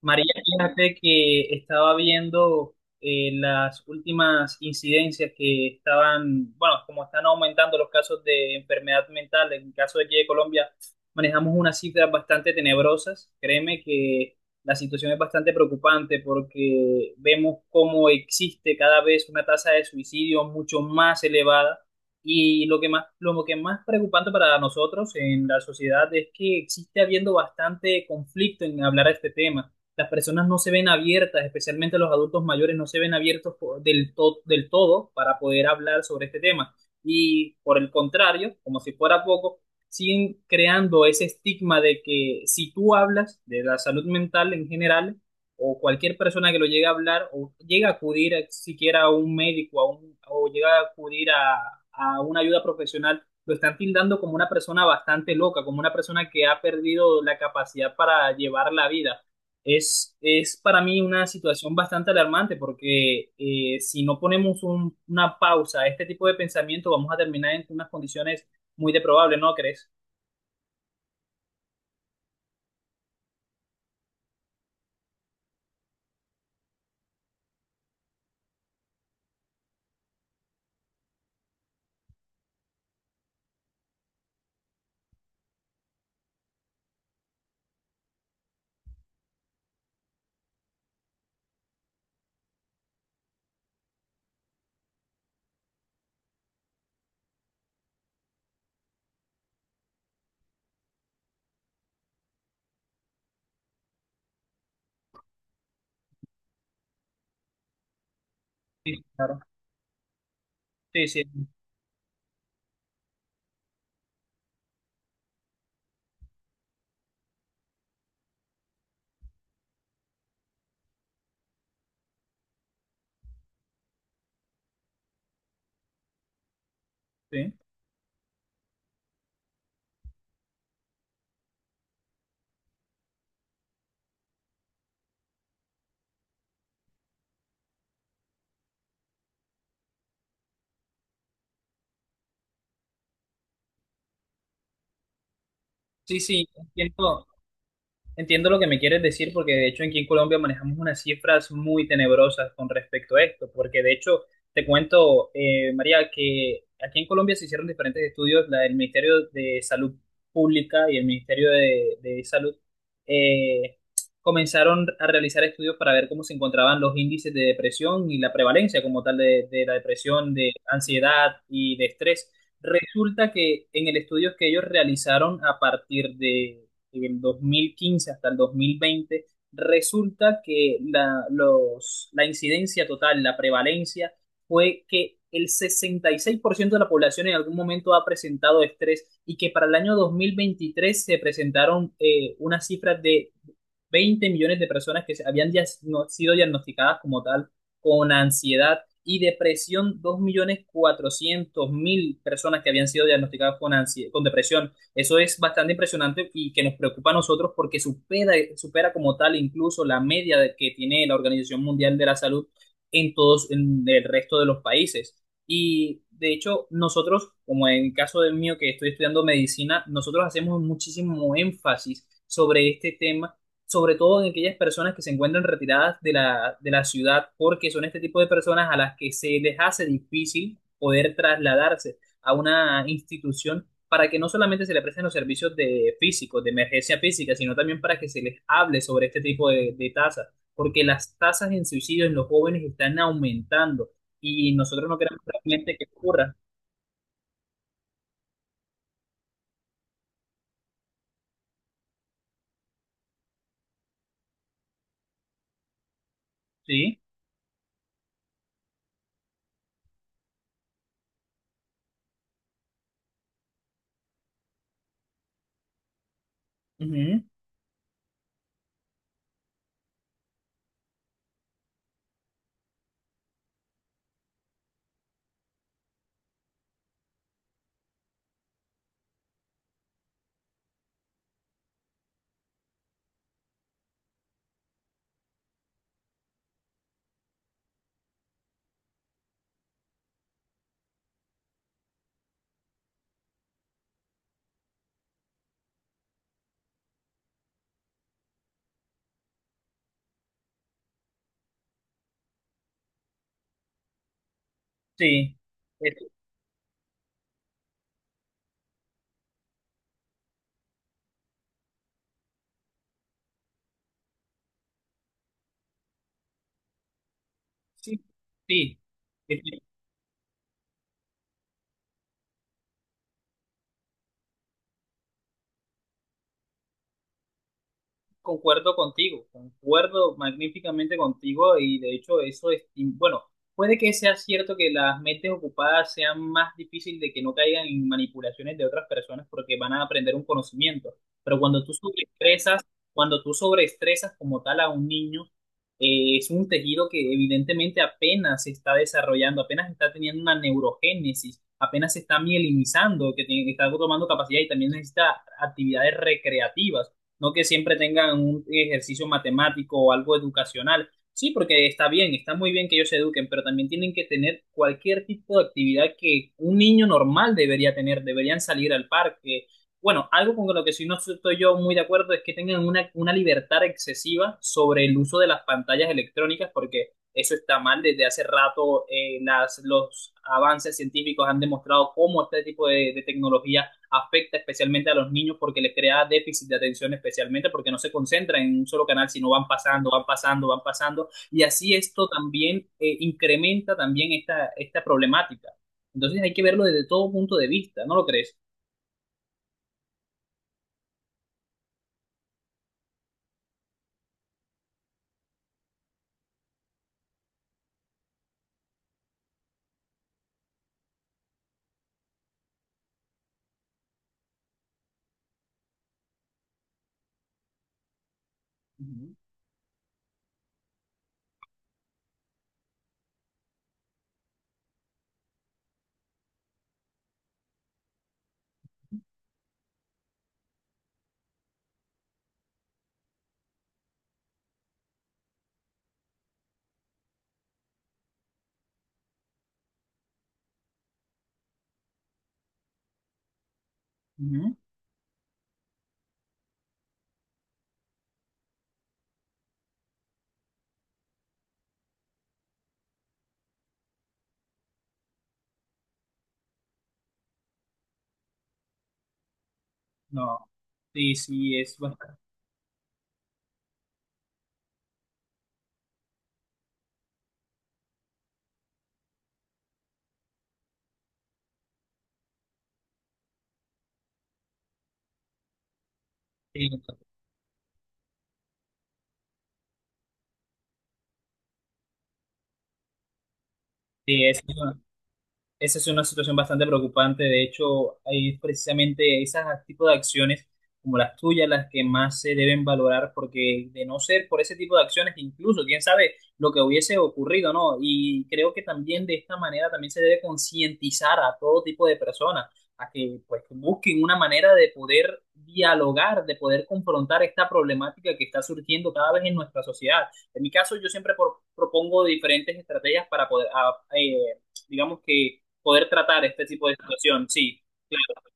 María, fíjate que estaba viendo las últimas incidencias que estaban, bueno, como están aumentando los casos de enfermedad mental, en el caso de aquí de Colombia, manejamos unas cifras bastante tenebrosas. Créeme que la situación es bastante preocupante porque vemos cómo existe cada vez una tasa de suicidio mucho más elevada. Y lo que más preocupante para nosotros en la sociedad es que existe habiendo bastante conflicto en hablar de este tema, las personas no se ven abiertas, especialmente los adultos mayores no se ven abiertos del todo para poder hablar sobre este tema. Y por el contrario, como si fuera poco, siguen creando ese estigma de que si tú hablas de la salud mental en general, o cualquier persona que lo llegue a hablar, o llega a acudir a- siquiera a un médico, o llega a acudir a una ayuda profesional, lo están tildando como una persona bastante loca, como una persona que ha perdido la capacidad para llevar la vida. Es para mí una situación bastante alarmante porque si no ponemos una pausa a este tipo de pensamiento, vamos a terminar en unas condiciones muy deprobables, ¿no crees? Sí, claro. Sí, sí, sí. Sí, sí, entiendo. Entiendo lo que me quieres decir porque de hecho aquí en Colombia manejamos unas cifras muy tenebrosas con respecto a esto, porque de hecho te cuento, María, que aquí en Colombia se hicieron diferentes estudios, la del Ministerio de Salud Pública y el Ministerio de Salud eh, comenzaron a realizar estudios para ver cómo se encontraban los índices de depresión y la prevalencia como tal de la depresión, de ansiedad y de estrés. Resulta que en el estudio que ellos realizaron a partir de en el 2015 hasta el 2020, resulta que la incidencia total, la prevalencia, fue que el 66% de la población en algún momento ha presentado estrés y que para el año 2023 se presentaron una cifra de 20 millones de personas que habían sido diagnosticadas como tal con ansiedad y depresión, 2.400.000 personas que habían sido diagnosticadas con, con depresión. Eso es bastante impresionante y que nos preocupa a nosotros porque supera como tal incluso la media que tiene la Organización Mundial de la Salud en todos, en el resto de los países. Y de hecho, nosotros, como en el caso del mío que estoy estudiando medicina, nosotros hacemos muchísimo énfasis sobre este tema, sobre todo en aquellas personas que se encuentran retiradas de la ciudad, porque son este tipo de personas a las que se les hace difícil poder trasladarse a una institución para que no solamente se le presten los servicios de físicos, de emergencia física, sino también para que se les hable sobre este tipo de tasas, porque las tasas en suicidio en los jóvenes están aumentando y nosotros no queremos realmente que ocurra. ¿Sí? Ujú. Sí. Es- sí, sí. Concuerdo contigo, concuerdo magníficamente contigo y de hecho eso es, y bueno, puede que sea cierto que las mentes ocupadas sean más difíciles de que no caigan en manipulaciones de otras personas porque van a aprender un conocimiento, pero cuando tú sobreestresas como tal a un niño, es un tejido que evidentemente apenas se está desarrollando, apenas está teniendo una neurogénesis, apenas se está mielinizando, que está tomando capacidad y también necesita actividades recreativas, no que siempre tengan un ejercicio matemático o algo educacional. Sí, porque está bien, está muy bien que ellos se eduquen, pero también tienen que tener cualquier tipo de actividad que un niño normal debería tener, deberían salir al parque. Bueno, algo con lo que sí no estoy yo muy de acuerdo es que tengan una libertad excesiva sobre el uso de las pantallas electrónicas, porque eso está mal. Desde hace rato los avances científicos han demostrado cómo este tipo de tecnología afecta especialmente a los niños porque les crea déficit de atención, especialmente porque no se concentran en un solo canal, sino van pasando. Y así esto también incrementa también esta problemática. Entonces hay que verlo desde todo punto de vista, ¿no lo crees? Ujú, ujú. No, sí, sí, es bastante. Sí, sí, es. Esa es una situación bastante preocupante. De hecho, hay precisamente esos tipos de acciones como las tuyas las que más se deben valorar, porque de no ser por ese tipo de acciones, incluso quién sabe lo que hubiese ocurrido, ¿no? Y creo que también de esta manera también se debe concientizar a todo tipo de personas a que pues busquen una manera de poder dialogar, de poder confrontar esta problemática que está surgiendo cada vez en nuestra sociedad. En mi caso, yo siempre propongo diferentes estrategias para poder, digamos que poder tratar este tipo de situación, sí, claro.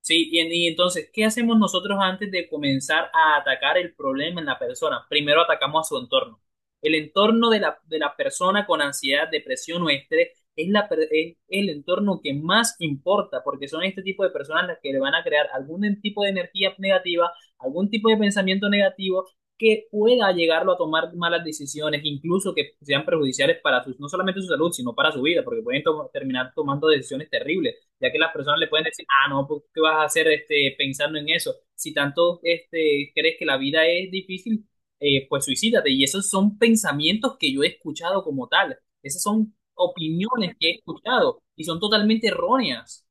Sí, y, y entonces, ¿qué hacemos nosotros antes de comenzar a atacar el problema en la persona? Primero atacamos a su entorno. El entorno de la persona con ansiedad, depresión o estrés es, es el entorno que más importa, porque son este tipo de personas las que le van a crear algún tipo de energía negativa, algún tipo de pensamiento negativo que pueda llegarlo a tomar malas decisiones, incluso que sean perjudiciales para sus, no solamente su salud, sino para su vida, porque pueden terminar tomando decisiones terribles, ya que las personas le pueden decir, ah, no, pues, ¿qué vas a hacer este, pensando en eso? Si tanto este, crees que la vida es difícil, pues suicídate. Y esos son pensamientos que yo he escuchado como tal. Esas son opiniones que he escuchado y son totalmente erróneas.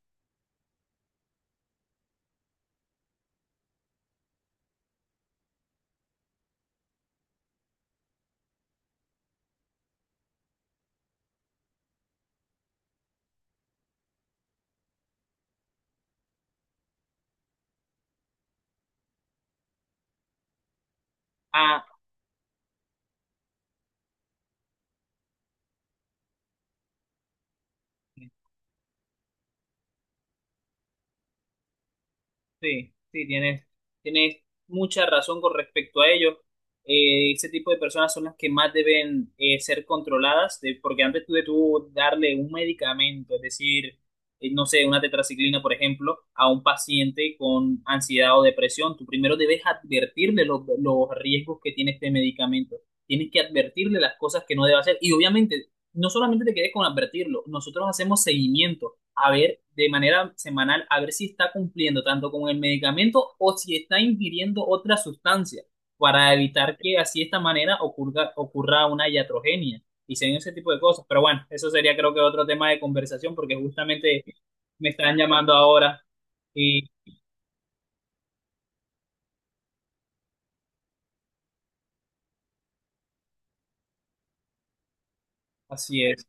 Ah. Sí, sí, tienes mucha razón con respecto a ello. Ese tipo de personas son las que más deben ser controladas, porque antes tú de tú darle un medicamento, es decir, no sé, una tetraciclina, por ejemplo, a un paciente con ansiedad o depresión, tú primero debes advertirle los riesgos que tiene este medicamento. Tienes que advertirle las cosas que no debe hacer. Y obviamente, no solamente te quedes con advertirlo, nosotros hacemos seguimiento a ver de manera semanal, a ver si está cumpliendo tanto con el medicamento o si está ingiriendo otra sustancia para evitar que así de esta manera ocurra, ocurra una iatrogenia y se den ese tipo de cosas. Pero bueno, eso sería creo que otro tema de conversación porque justamente me están llamando ahora y así es.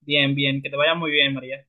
Bien, bien, que te vaya muy bien, María.